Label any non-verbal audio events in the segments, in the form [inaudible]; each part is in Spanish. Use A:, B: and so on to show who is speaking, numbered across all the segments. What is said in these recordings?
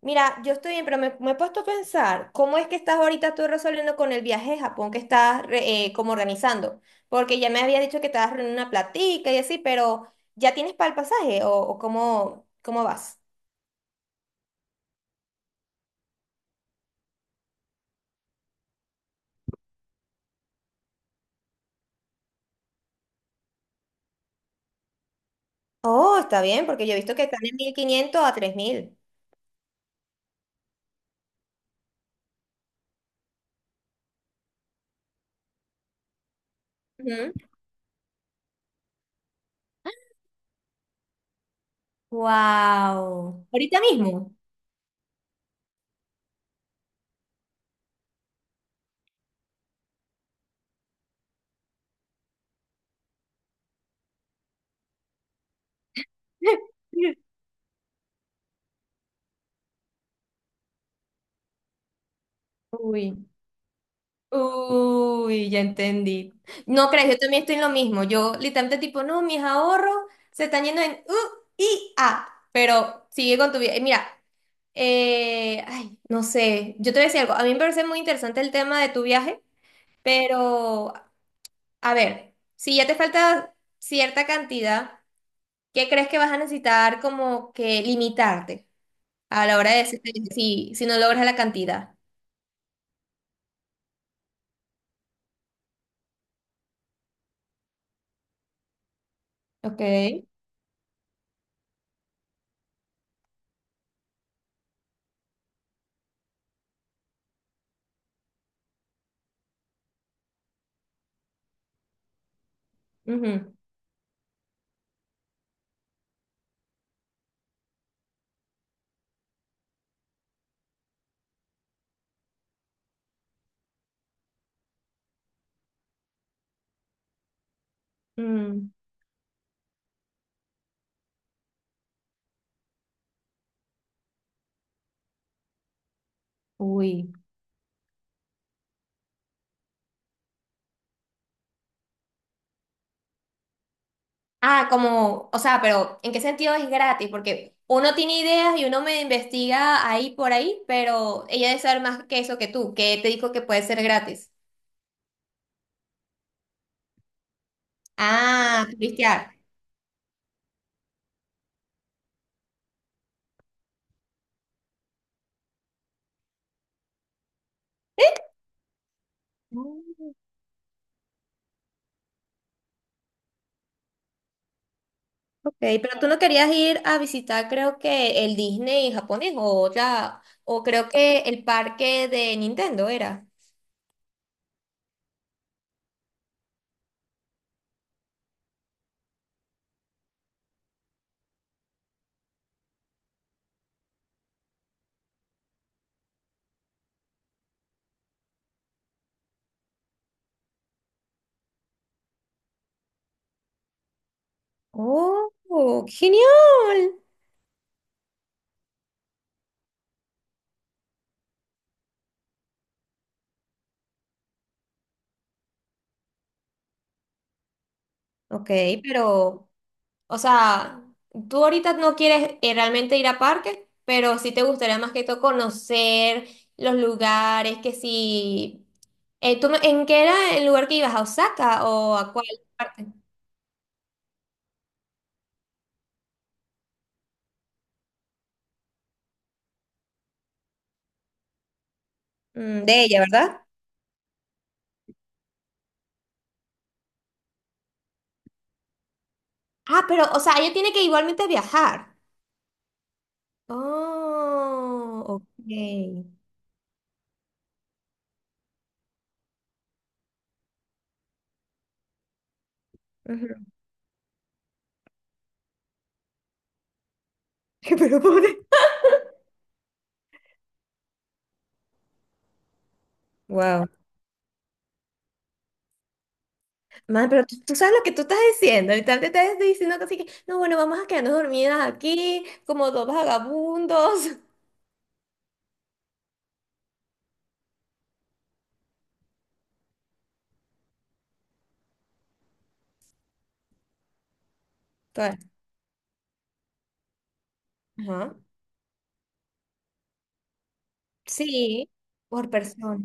A: Mira, yo estoy bien, pero me he puesto a pensar, ¿cómo es que estás ahorita tú resolviendo con el viaje a Japón que estás como organizando? Porque ya me había dicho que estabas reuniendo una platica y así, pero ¿ya tienes para el pasaje o cómo vas? Oh, está bien, porque yo he visto que están en 1500 a 3000. Ujú. Wow. Ahorita mismo. [laughs] Uy. Uy, ya entendí. No crees, yo también estoy en lo mismo. Yo literalmente tipo, no, mis ahorros se están yendo en U y A. Pero sigue con tu vida. Mira, ay, no sé. Yo te voy a decir algo. A mí me parece muy interesante el tema de tu viaje, pero a ver, si ya te falta cierta cantidad, ¿qué crees que vas a necesitar como que limitarte a la hora de decir si no logras la cantidad? Ok. Ujú. Mm. Uy. Ah, como, o sea, pero ¿en qué sentido es gratis? Porque uno tiene ideas y uno me investiga ahí por ahí, pero ella debe saber más que eso que tú, que te dijo que puede ser gratis. Ah, turistear. Mm, ok, pero tú no querías ir a visitar, creo que el Disney japonés o ya, o creo que el parque de Nintendo era. Oh, genial. Ok, pero o sea, tú ahorita no quieres realmente ir a parques, pero sí te gustaría más que todo conocer los lugares, que si... En qué era el lugar que ibas? ¿A Osaka o a cuál parte? De ella, ¿verdad? Ah, pero, o sea, ella tiene que igualmente viajar. Oh, ok. Ujú. [laughs] Pero pobre. Wow. Man, pero tú sabes lo que tú estás diciendo. Ahorita te estás diciendo que así que, no, bueno, vamos a quedarnos dormidas aquí como dos vagabundos. [laughs] Ajá. Sí, por persona.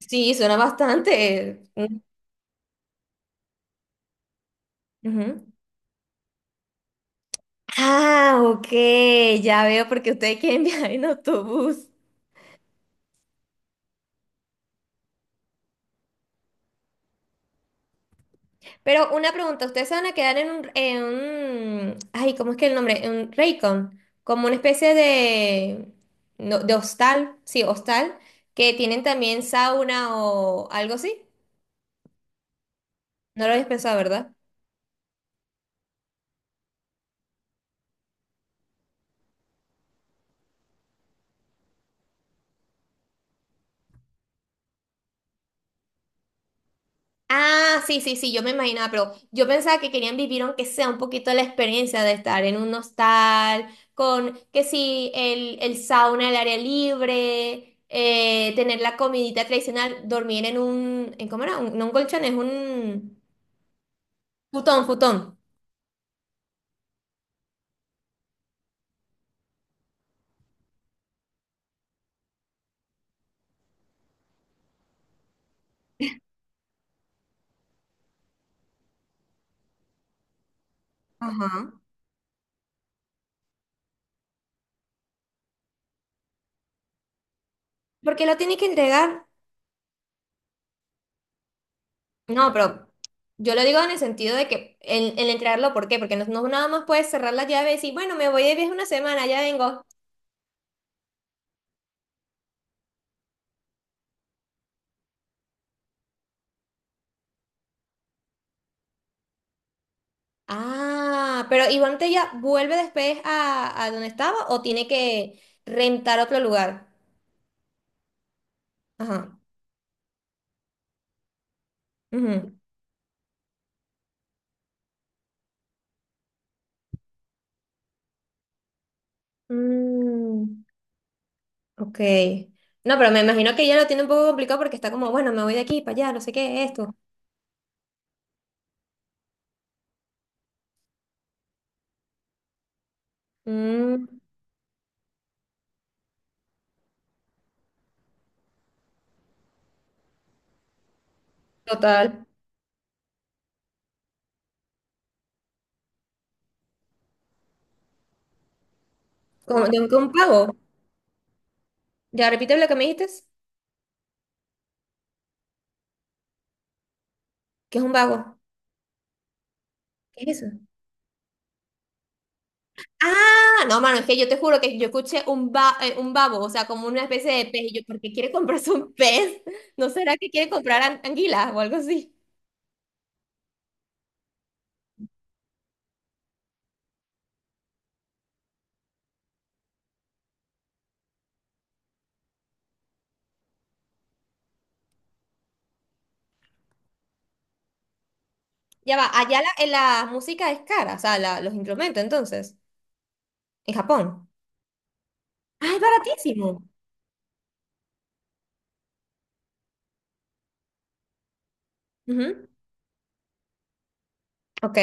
A: Sí, suena bastante. Mm, ujú. Ah, ok, ya veo porque ustedes quieren [laughs] viajar en autobús. Pero una pregunta, ¿ustedes se van a quedar en ay, ¿cómo es que el nombre? En un Raycon, como una especie de, no, de hostal, sí, hostal, que tienen también sauna o algo así. No lo habéis pensado, ¿verdad? Ah, sí, sí, sí, yo me imaginaba, pero yo pensaba que querían vivir aunque sea un poquito la experiencia de estar en un hostal, con que sí, el sauna, el área libre, tener la comidita tradicional, dormir en ¿cómo era? No un colchón, es un futón, futón. Ajá. ¿Por qué lo tiene que entregar? No, pero yo lo digo en el sentido de que el entregarlo, ¿por qué? Porque no, no nada más puedes cerrar la llave y decir, bueno, me voy de viaje una semana, ya vengo. Ah, pero Iván Tella vuelve después a donde estaba o tiene que rentar otro lugar. Ajá. Ujú. Mm, ok. No, pero me imagino que ella lo tiene un poco complicado porque está como, bueno, me voy de aquí para allá, no sé qué es esto. Mm, Total. Como tengo que un vago. Ya repite lo que me dijiste, que es un vago. ¿Qué es eso? Ah, no, mano, es que yo te juro que yo escuché un babo, o sea, como una especie de pez. Y yo, ¿por qué quiere comprarse un pez? ¿No será que quiere comprar anguilas o algo así? Ya va, allá la música es cara, o sea, los instrumentos, entonces, en Japón. Ah, es baratísimo. Ujú. Ok.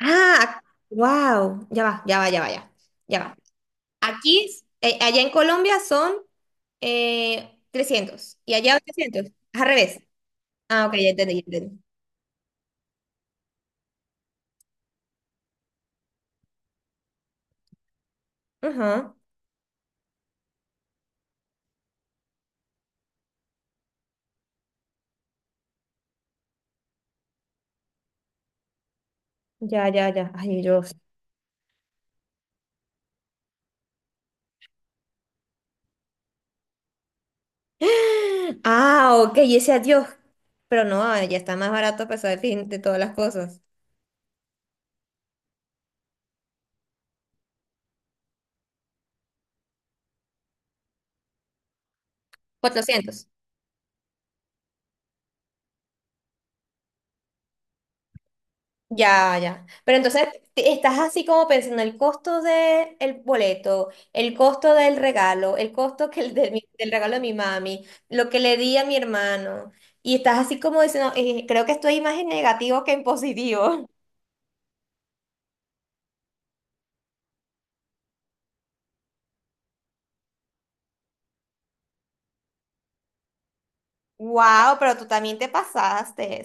A: Ah, wow. Ya va, ya va, ya va, ya. Ya va. Aquí, allá en Colombia son 300 y allá 800. Es al revés. Ah, ok, ya entendí, ya entendí. Ujú. Ya, ya, ya. Ay, yo. [gasps] Ah, ok, y ese adiós. Pero no, ah, ya está más barato a pesar de, fin, de todas las cosas. 400. Ya, ya. Pero entonces estás así como pensando el costo del boleto, el costo del regalo, el costo que el de del regalo de mi mami, lo que le di a mi hermano. Y estás así como diciendo: Creo que estoy más en negativo que en positivo." [laughs] Wow, pero tú también te pasaste.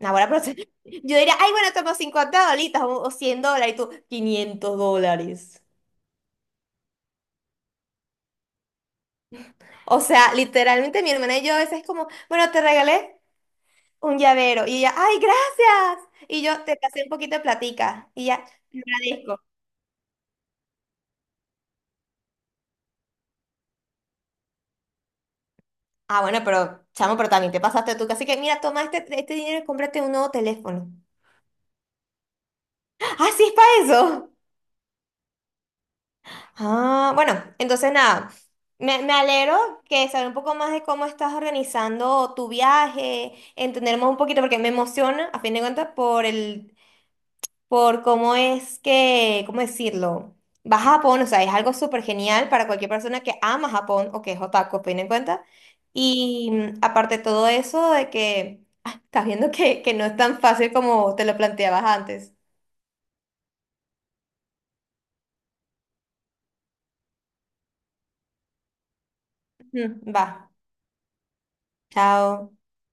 A: Ahora, pero [laughs] yo diría, ay, bueno, toma 50 dolitas o $100 y tú, $500. O sea, literalmente mi hermana y yo a veces es como, bueno, te regalé un llavero. Y ella, ay, gracias. Y yo, te pasé un poquito de platica. Y ella, te agradezco. Ah, bueno, pero, chamo, pero también te pasaste tú. Así que, mira, toma este dinero y cómprate un nuevo teléfono. Ah, sí, es para eso. Ah, bueno, entonces nada, me alegro que saber un poco más de cómo estás organizando tu viaje, entendernos un poquito, porque me emociona, a fin de cuentas, por el, por cómo es que, ¿cómo decirlo? Va a Japón, o sea, es algo súper genial para cualquier persona que ama Japón o que es otaku, a fin de cuentas. Y aparte de todo eso, de que estás viendo que no es tan fácil como te lo planteabas antes. Ujú, va, chao.